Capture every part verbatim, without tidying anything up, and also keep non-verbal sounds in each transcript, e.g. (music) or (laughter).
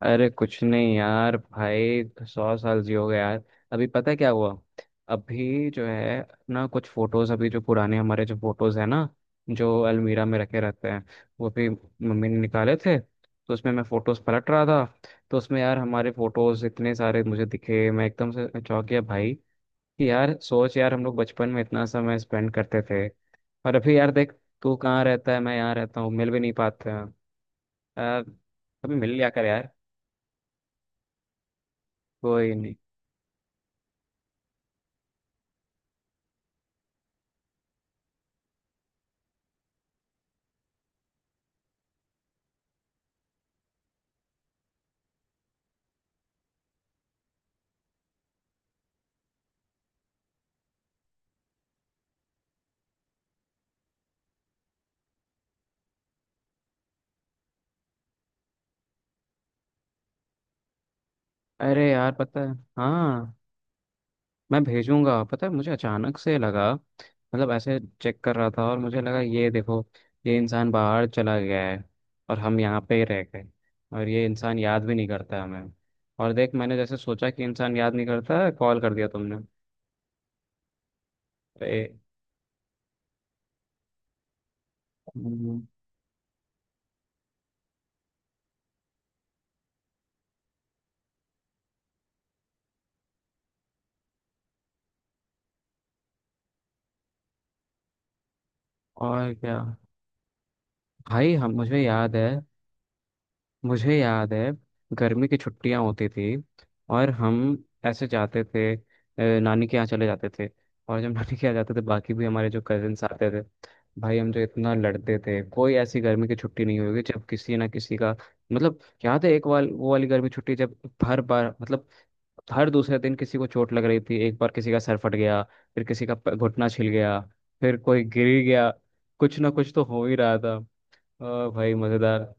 अरे कुछ नहीं यार। भाई सौ साल जियोगे यार। अभी पता है क्या हुआ। अभी जो है ना, कुछ फोटोज, अभी जो पुराने हमारे जो फोटोज है ना, जो अलमीरा में रखे रहते हैं, वो भी मम्मी ने निकाले थे, तो उसमें मैं फोटोज पलट रहा था। तो उसमें यार हमारे फोटोज इतने सारे मुझे दिखे, मैं एकदम से चौंक गया भाई कि यार सोच, यार हम लोग बचपन में इतना समय स्पेंड करते थे। और अभी यार देख, तू कहाँ रहता है, मैं यहाँ रहता हूँ, मिल भी नहीं पाते हैं यार। कभी मिल लिया कर यार। कोई नहीं। अरे यार पता है, हाँ। मैं भेजूंगा। पता है मुझे अचानक से लगा, मतलब ऐसे चेक कर रहा था और मुझे लगा ये देखो। ये इंसान बाहर चला गया है, और हम यहाँ पे ही रह गए, और ये इंसान याद भी नहीं करता हमें। और देख, मैंने जैसे सोचा कि इंसान याद नहीं करता, कॉल कर दिया तुमने। तो ए, हम्म। और क्या। भाई हम मुझे याद है। मुझे याद है। गर्मी की छुट्टियां होती थी, और हम ऐसे जाते थे अ, नानी के यहाँ चले जाते थे। और जब (laughs) नानी के यहाँ जाते थे, बाकी भी हमारे जो कजिन्स आते थे। भाई हम जो इतना लड़ते थे, कोई ऐसी गर्मी की छुट्टी नहीं होगी जब किसी ना किसी का, मतलब। याद है एक वाल वो वाली गर्मी छुट्टी जब, हर बार मतलब, हर दूसरे दिन किसी को चोट लग रही थी। एक बार किसी का सर फट गया। फिर किसी का प- घुटना छिल गया। फिर कोई गिर गया। कुछ ना कुछ तो हो ही रहा था। ओ भाई, मजेदार।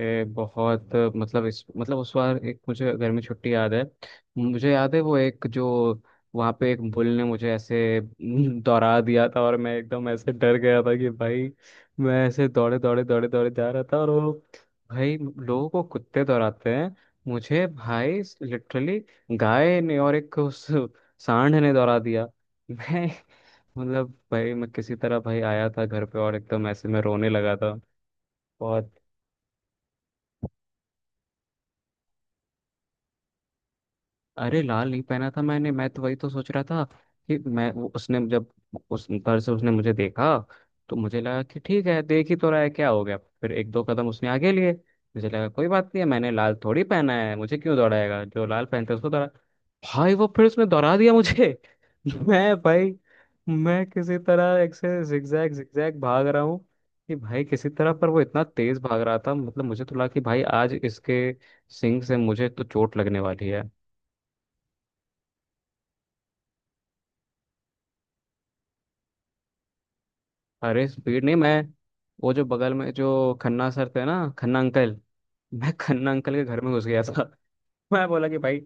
ए, बहुत, मतलब इस मतलब उस बार एक मुझे गर्मी छुट्टी याद है। मुझे याद है वो एक जो, वहाँ पे एक बुल ने मुझे ऐसे (laughs) दौड़ा दिया था, और मैं एकदम ऐसे डर गया था कि भाई, मैं ऐसे दौड़े दौड़े दौड़े दौड़े जा रहा था और वो, भाई लोगों को कुत्ते दौड़ाते हैं, मुझे भाई लिटरली गाय ने और एक उस सांड ने दौड़ा दिया। (laughs) मैं, मतलब भाई मैं किसी तरह भाई आया था घर पे, और एकदम ऐसे मैं रोने लगा था बहुत। अरे लाल नहीं पहना था मैंने, मैं तो वही तो सोच रहा था कि मैं वो, उसने जब उस तरह से उसने मुझे देखा, तो मुझे लगा कि ठीक है, देख ही तो रहा है, क्या हो गया। फिर एक दो कदम उसने आगे लिए। मुझे लगा कोई बात नहीं है, मैंने लाल थोड़ी पहना है, मुझे क्यों दौड़ाएगा, जो लाल पहनता है उसको दौड़ा। भाई वो फिर उसने दौड़ा दिया मुझे। (laughs) मैं भाई, मैं किसी तरह एक से जिगजैग जिगजैग भाग रहा हूँ कि भाई किसी तरह, पर वो इतना तेज भाग रहा था, मतलब मुझे तो लगा कि भाई आज इसके सिंग से मुझे तो चोट लगने वाली है। अरे स्पीड नहीं, मैं वो जो बगल में जो खन्ना सर थे ना, खन्ना अंकल, मैं खन्ना अंकल के घर में घुस गया था। (laughs) मैं बोला कि भाई,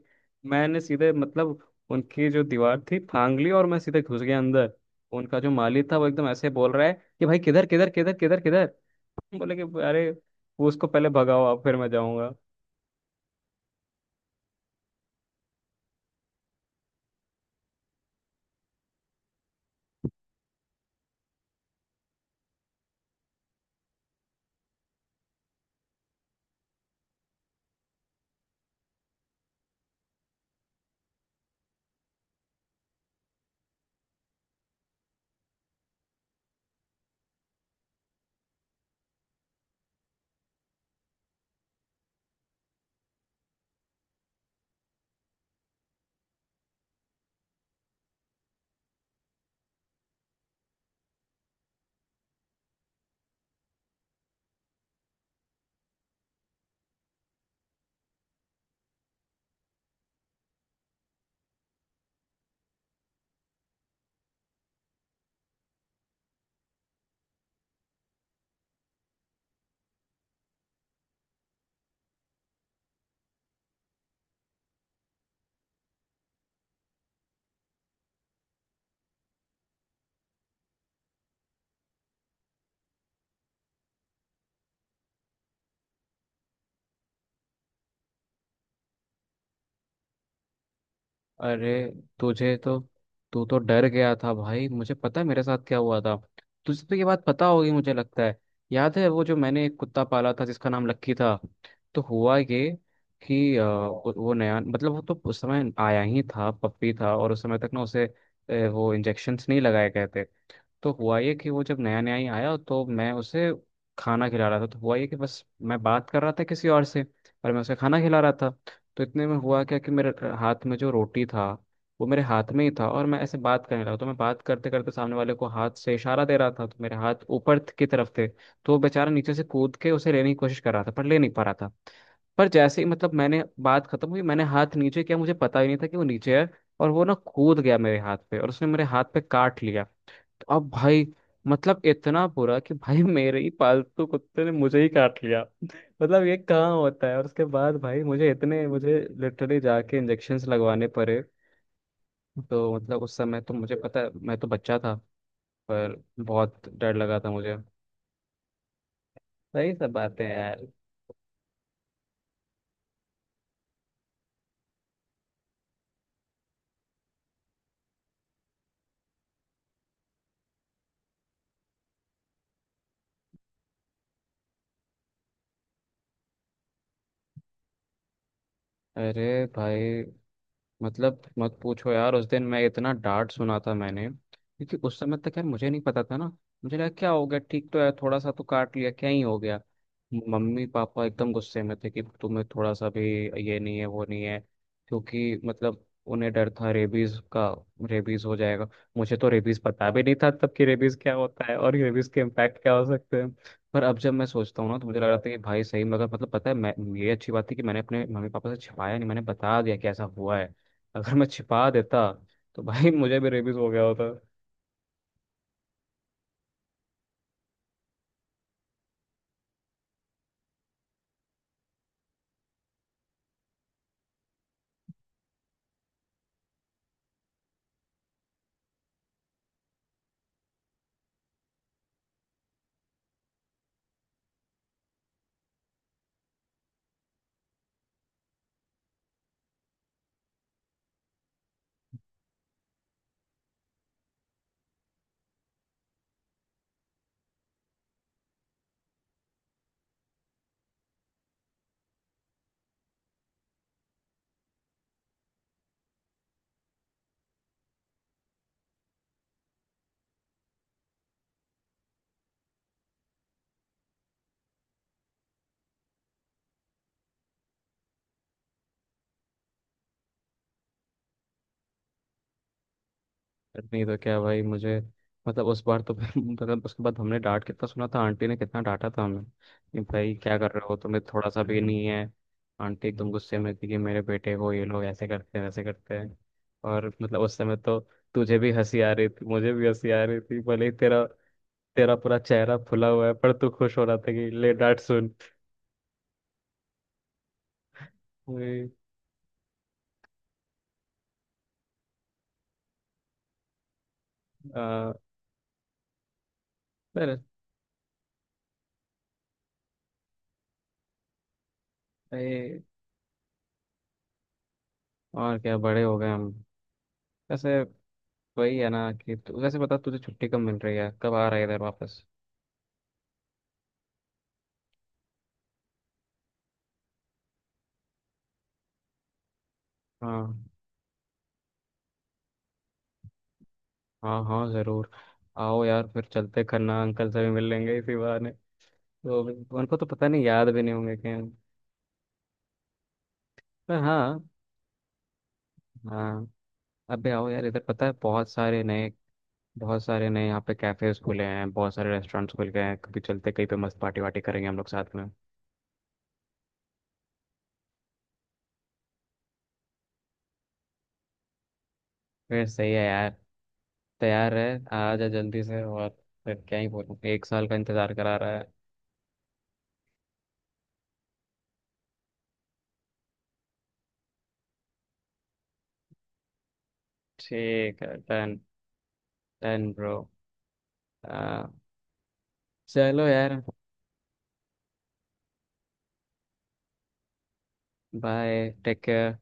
मैंने सीधे, मतलब उनकी जो दीवार थी फांग ली और मैं सीधे घुस गया अंदर। उनका जो माली था वो एकदम ऐसे बोल रहा है कि भाई किधर किधर किधर किधर किधर। बोले कि अरे, उसको पहले भगाओ आप, फिर मैं जाऊंगा। अरे, तुझे तो तू तो डर गया था भाई, मुझे पता है मेरे साथ क्या हुआ था। तुझे तो ये बात पता होगी मुझे लगता है। याद है वो जो मैंने एक कुत्ता पाला था जिसका नाम लक्की था। तो हुआ ये कि अ, वो वो नया, मतलब वो तो उस समय आया ही था, पप्पी था, और उस समय तक ना, उसे अ, वो इंजेक्शन्स नहीं लगाए गए थे। तो हुआ ये कि वो जब नया नया ही आया, तो मैं उसे खाना खिला रहा था। तो हुआ ये कि बस, मैं बात कर रहा था किसी और से, और मैं उसे खाना खिला रहा था। तो इतने में हुआ क्या कि मेरे हाथ में जो रोटी था, वो मेरे हाथ में ही था, और मैं ऐसे बात करने लगा, तो मैं बात करते करते सामने वाले को हाथ से इशारा दे रहा था, तो मेरे हाथ ऊपर की तरफ थे, तो वो बेचारा नीचे से कूद के उसे लेने की कोशिश कर रहा था पर ले नहीं पा रहा था। पर जैसे ही, मतलब मैंने बात खत्म हुई, मैंने हाथ नीचे किया, मुझे पता ही नहीं था कि वो नीचे है, और वो ना कूद गया मेरे हाथ पे, और उसने मेरे हाथ पे काट लिया। अब भाई, मतलब इतना बुरा कि भाई मेरे ही पालतू कुत्ते ने मुझे ही काट लिया। मतलब ये कहाँ होता है, और उसके बाद भाई, मुझे इतने मुझे लिटरली जाके इंजेक्शन्स लगवाने पड़े। तो मतलब उस समय तो मुझे पता, मैं तो बच्चा था, पर बहुत डर लगा था मुझे। सही सब बातें हैं यार। अरे भाई, मतलब मत पूछो यार, उस दिन मैं इतना डांट सुना था मैंने, क्योंकि उस समय तक यार मुझे नहीं पता था ना। मुझे लगा क्या हो गया, ठीक तो है, थोड़ा सा तो काट लिया, क्या ही हो गया। मम्मी पापा एकदम गुस्से में थे कि तुम्हें थोड़ा सा भी, ये नहीं है वो नहीं है, क्योंकि मतलब उन्हें डर था रेबीज का, रेबीज हो जाएगा। मुझे तो रेबीज पता भी नहीं था तब, कि रेबीज क्या होता है और रेबीज के इम्पैक्ट क्या हो सकते हैं। पर अब जब मैं सोचता हूँ ना, तो मुझे लग रहा था कि भाई सही, मगर मतलब, पता है मैं, ये अच्छी बात थी कि मैंने अपने मम्मी पापा से छिपाया नहीं, मैंने बता दिया कि ऐसा हुआ है। अगर मैं छिपा देता, तो भाई मुझे भी रेबीज हो गया होता। बट नहीं तो क्या भाई, मुझे मतलब उस बार तो फिर (laughs) मतलब उसके बाद हमने डांट कितना सुना था, आंटी ने कितना डांटा था हमें कि भाई क्या कर रहे हो, तुम्हें थोड़ा सा भी नहीं है। आंटी एकदम गुस्से में थी कि मेरे बेटे को ये लोग ऐसे करते हैं वैसे करते हैं। और मतलब उस समय तो, तुझे भी हंसी आ रही थी, मुझे भी हंसी आ रही थी, भले ही तेरा तेरा पूरा चेहरा फुला हुआ है, पर तू खुश हो रहा था कि ले डांट सुन। वही, आ, पर ये, और क्या, बड़े हो गए हम वैसे। वही है ना कि तु- वैसे बता, तुझे छुट्टी कब मिल रही है, कब आ रहा है इधर वापस। हाँ। हाँ हाँ, जरूर। आओ यार, फिर चलते खन्ना अंकल से भी मिल लेंगे इसी बहाने। तो भी- उनको तो पता नहीं, याद भी नहीं होंगे कहीं। पर हाँ। हाँ, अबे आओ यार इधर, पता है बहुत सारे नए बहुत सारे नए यहाँ पे कैफेज खुले हैं, बहुत सारे रेस्टोरेंट्स खुल गए हैं, कभी चलते कहीं पे मस्त पार्टी वार्टी करेंगे हम लोग साथ में। फिर सही है यार। तैयार है, आ जा जल्दी से, और फिर क्या ही बोलूँ, एक साल का इंतजार करा रहा है। ठीक है डन। Done bro. आ, चलो यार। Bye, take care.